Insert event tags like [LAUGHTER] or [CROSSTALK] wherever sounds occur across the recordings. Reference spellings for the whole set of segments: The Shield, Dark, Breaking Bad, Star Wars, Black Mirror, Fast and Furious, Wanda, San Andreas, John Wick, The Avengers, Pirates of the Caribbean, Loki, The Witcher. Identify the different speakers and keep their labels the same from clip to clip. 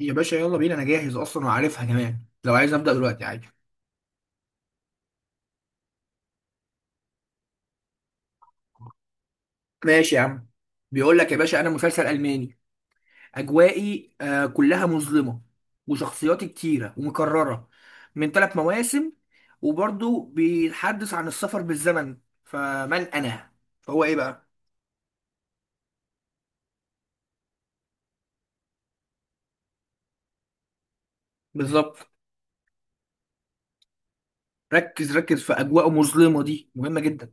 Speaker 1: يا باشا يلا بينا، انا جاهز اصلا وعارفها كمان. لو عايز ابدا دلوقتي عادي. ماشي يا عم. بيقول لك يا باشا، انا مسلسل الماني، اجوائي كلها مظلمه، وشخصياتي كتيره ومكرره، من ثلاث مواسم، وبرضه بيتحدث عن السفر بالزمن. فمن انا؟ فهو ايه بقى؟ بالظبط. ركز ركز، في اجواء مظلمه دي مهمه جدا.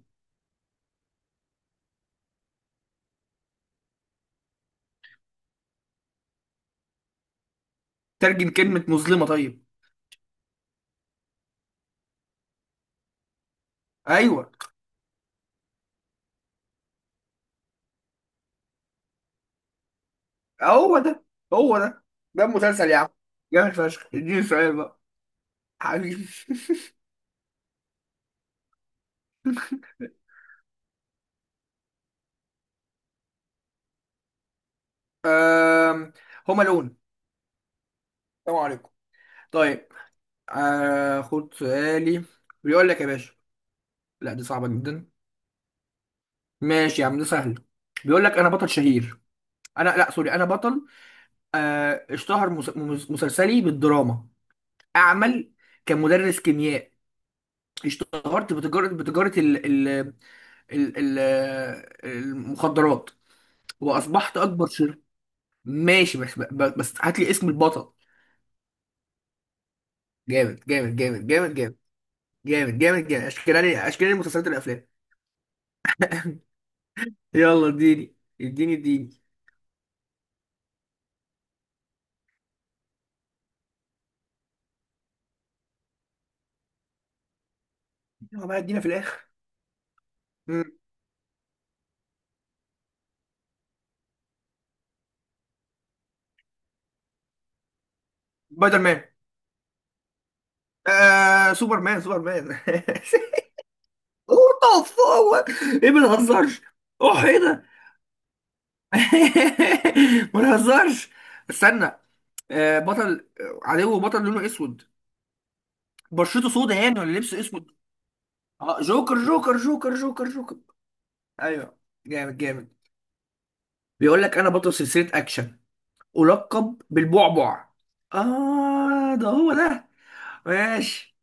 Speaker 1: ترجم كلمه مظلمه طيب. ايوه. هو ده، هو ده. ده المسلسل يا عم، جامد فشخ. اديني سؤال بقى. حبيبي. [LAUGHS] آم، هما لون. السلام عليكم. طيب. خد سؤالي. بيقول لك يا باشا، لا دي صعبة جدا. ماشي يا عم، ده سهل. بيقول لك انا بطل شهير. انا، لا سوري، انا بطل. اشتهر مسلسلي بالدراما. اعمل كمدرس كيمياء. اشتهرت بتجارة ال المخدرات، واصبحت اكبر شر. ماشي، بس بس هات لي اسم البطل. جامد جامد جامد جامد جامد. جامد جامد جامد، اشكالي اشكالي المسلسلات والافلام. يلا اديني اديني اديني. يلا بقى ادينا في الاخر. مم. سبايدر مان. سوبرمان سوبرمان. [LAUGHS] اوه. هو ايه؟ ما نهزرش. اوه ايه ده؟ [LAUGHS] ما نهزرش. استنى. بطل، عدو بطل لونه اسود. بشرته سودا يعني ولا لبسه اسود؟ اه جوكر جوكر جوكر جوكر جوكر. ايوه. جامد جامد. بيقول لك انا بطل سلسله اكشن، ألقب بالبعبع. ده هو ده. ماشي.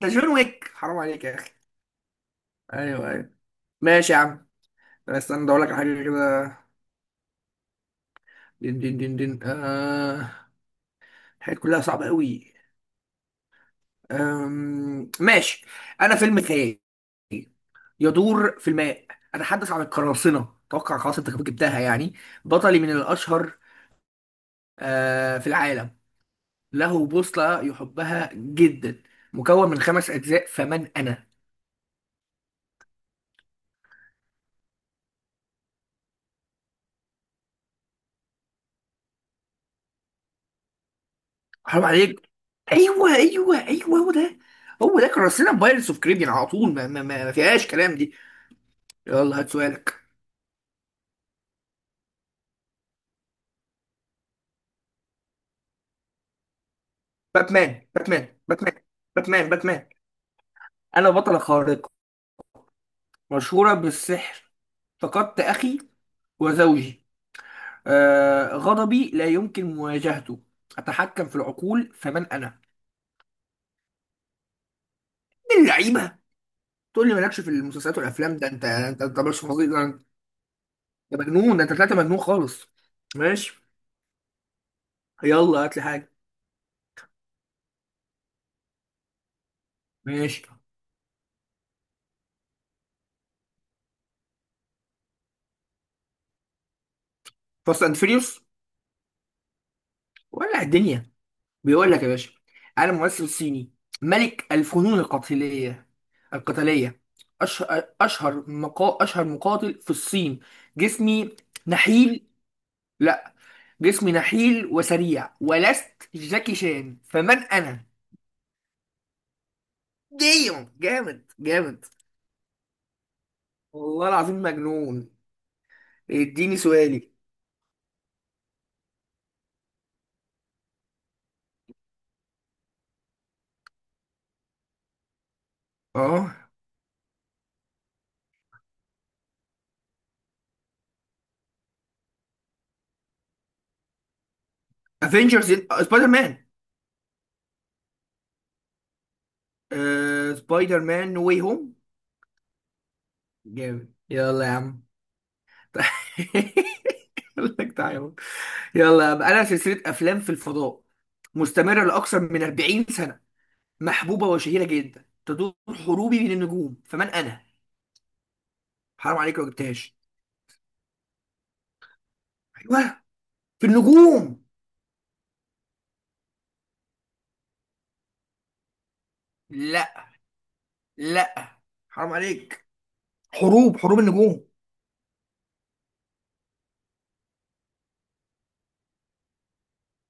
Speaker 1: ده جون ويك، حرام عليك يا أخي. أيوه أيوه. ماشي يا عم. أنا، استنى أقول لك على حاجة كده. دين دين دين دين الحاجات كلها صعبة أوي. ماشي. أنا فيلم خيال، يدور في الماء، أتحدث عن القراصنة. أتوقع خلاص أنت جبتها يعني. بطلي من الأشهر في العالم، له بوصلة يحبها جدا، مكون من خمس أجزاء. فمن أنا؟ حرام عليك. ايوه ايوه ايوه، هو ده. هو ده، كرسينا بايرتس اوف كاريبيان على طول. ما فيهاش كلام دي. يلا هات سؤالك. باتمان باتمان باتمان باتمان باتمان. انا بطلة خارقة، مشهورة بالسحر، فقدت اخي وزوجي. غضبي لا يمكن مواجهته، اتحكم في العقول. فمن انا؟ من اللعيبة. تقول لي مالكش في المسلسلات والافلام؟ ده انت انت مش فظيع، ده انت مجنون، ده انت طلعت مجنون خالص. ماشي، يلا هات لي حاجة. ماشي، فاست اند فيريوس، ولع الدنيا. بيقول لك يا باشا، انا ممثل صيني، ملك الفنون القتالية. أشهر مقاتل في الصين. جسمي نحيل. لا، جسمي نحيل وسريع، ولست جاكي شان. فمن أنا؟ ديم جامد جامد. والله العظيم مجنون. اديني سؤالي. اه. افنجرز. سبايدر مان. سبايدر مان نو واي هوم. جامد، يلا يا عم. [LAUGHS] يقول لك تعالى يلا بقى، لها سلسلة أفلام في الفضاء، مستمرة لأكثر من 40 سنة، محبوبة وشهيرة جدا، تدور حروبي من النجوم. فمن أنا؟ حرام عليك لو جبتهاش. أيوه، في النجوم. لا، لا، حرام عليك. حروب النجوم.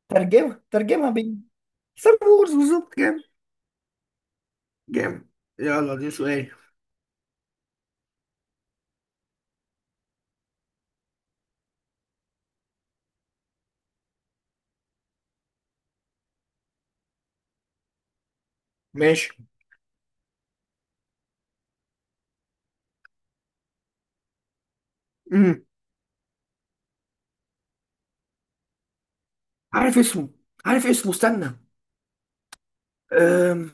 Speaker 1: ترجمة بين. ستار وورز بالظبط. جامد جامد. يلا دي سؤال. ماشي. امم. عارف اسمه عارف اسمه، استنى. أم.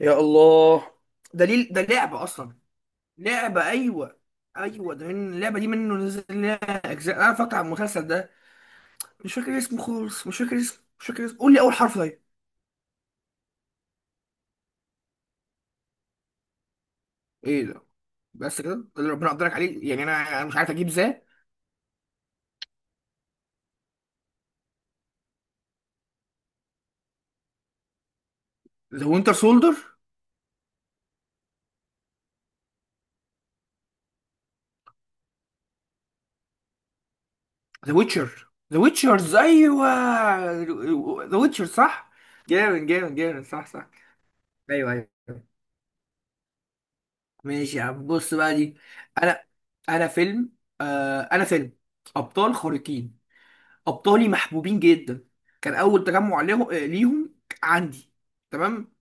Speaker 1: يا الله. ده ليه ده لعبة أصلا؟ لعبة، أيوة. أيوة ده من اللعبة دي منه نزل لها أجزاء. أنا فاكر على المسلسل ده. مش فاكر اسمه خالص، مش فاكر اسمه مش فاكر اسمه قول لي أول حرف طيب. إيه ده؟ بس كده، ده اللي ربنا قدرك عليه يعني. أنا مش عارف أجيب ازاي. ذا وينتر سولدر. ذا ويتشر، ذا ويتشرز، أيوة ذا ويتشر، صح. جامد جامد جامد، صح صح. أيوة أيوة. ماشي يا عم، بص بقى دي. أنا أنا فيلم أنا فيلم أبطال خارقين. ابطالي محبوبين جدا. كان اول تجمع ليهم عندي. تمام.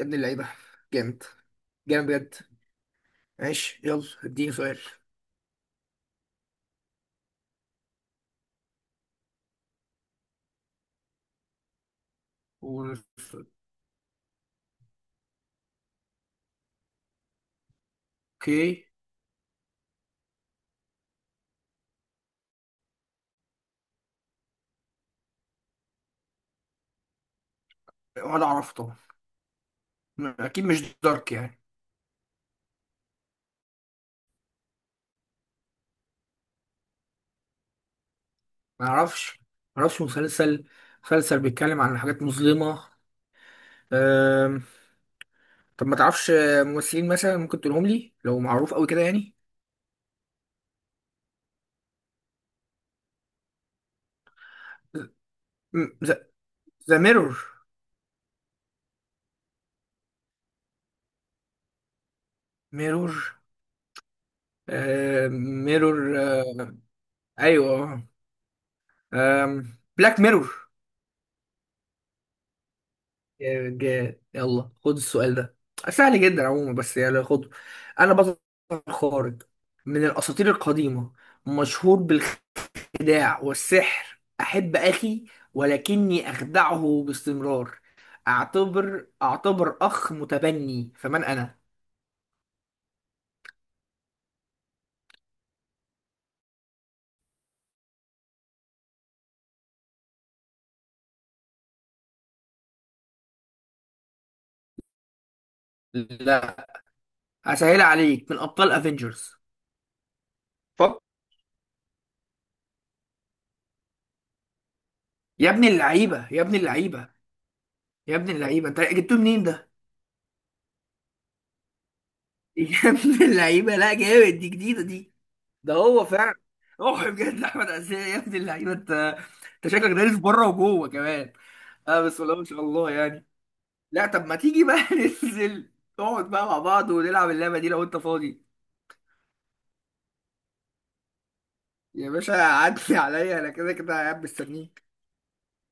Speaker 1: يا ابن اللعيبه، جامد، جامد بجد. ماشي، يلا اديني سؤال. قول- اوكي. ولا اعرف طبعا، اكيد مش دارك يعني. ما اعرفش ما اعرفش. مسلسل بيتكلم عن حاجات مظلمه. أم... طب ما تعرفش ممثلين مثلا ممكن تقولهم لي لو معروف قوي كده يعني؟ ذا ميرور. ميرور، آه، ميرور، ايوه، بلاك ميرور. يلا خد السؤال ده، سهل جدا عموما بس يلا خده. انا بطل خارق، من الاساطير القديمه، مشهور بالخداع والسحر. احب اخي ولكني اخدعه باستمرار. اعتبر اخ متبني. فمن انا؟ لا، هسهل عليك، من ابطال افنجرز. فك. يا ابن اللعيبه، يا ابن اللعيبه، يا ابن اللعيبه، انت جبتوه منين ده؟ [LAUGHS] يا ابن اللعيبه، لا جامد دي، جديده دي. ده هو فعلا. روح بجد، احمد عزيز. يا ابن اللعيبه انت، انت شكلك دارس بره وجوه كمان. اه، بس والله ما شاء الله يعني. لا، طب ما تيجي بقى [LAUGHS] ننزل، نقعد بقى مع بعض ونلعب اللعبه دي لو انت فاضي. يا باشا عدي عليا، انا كده كده قاعد مستنيك.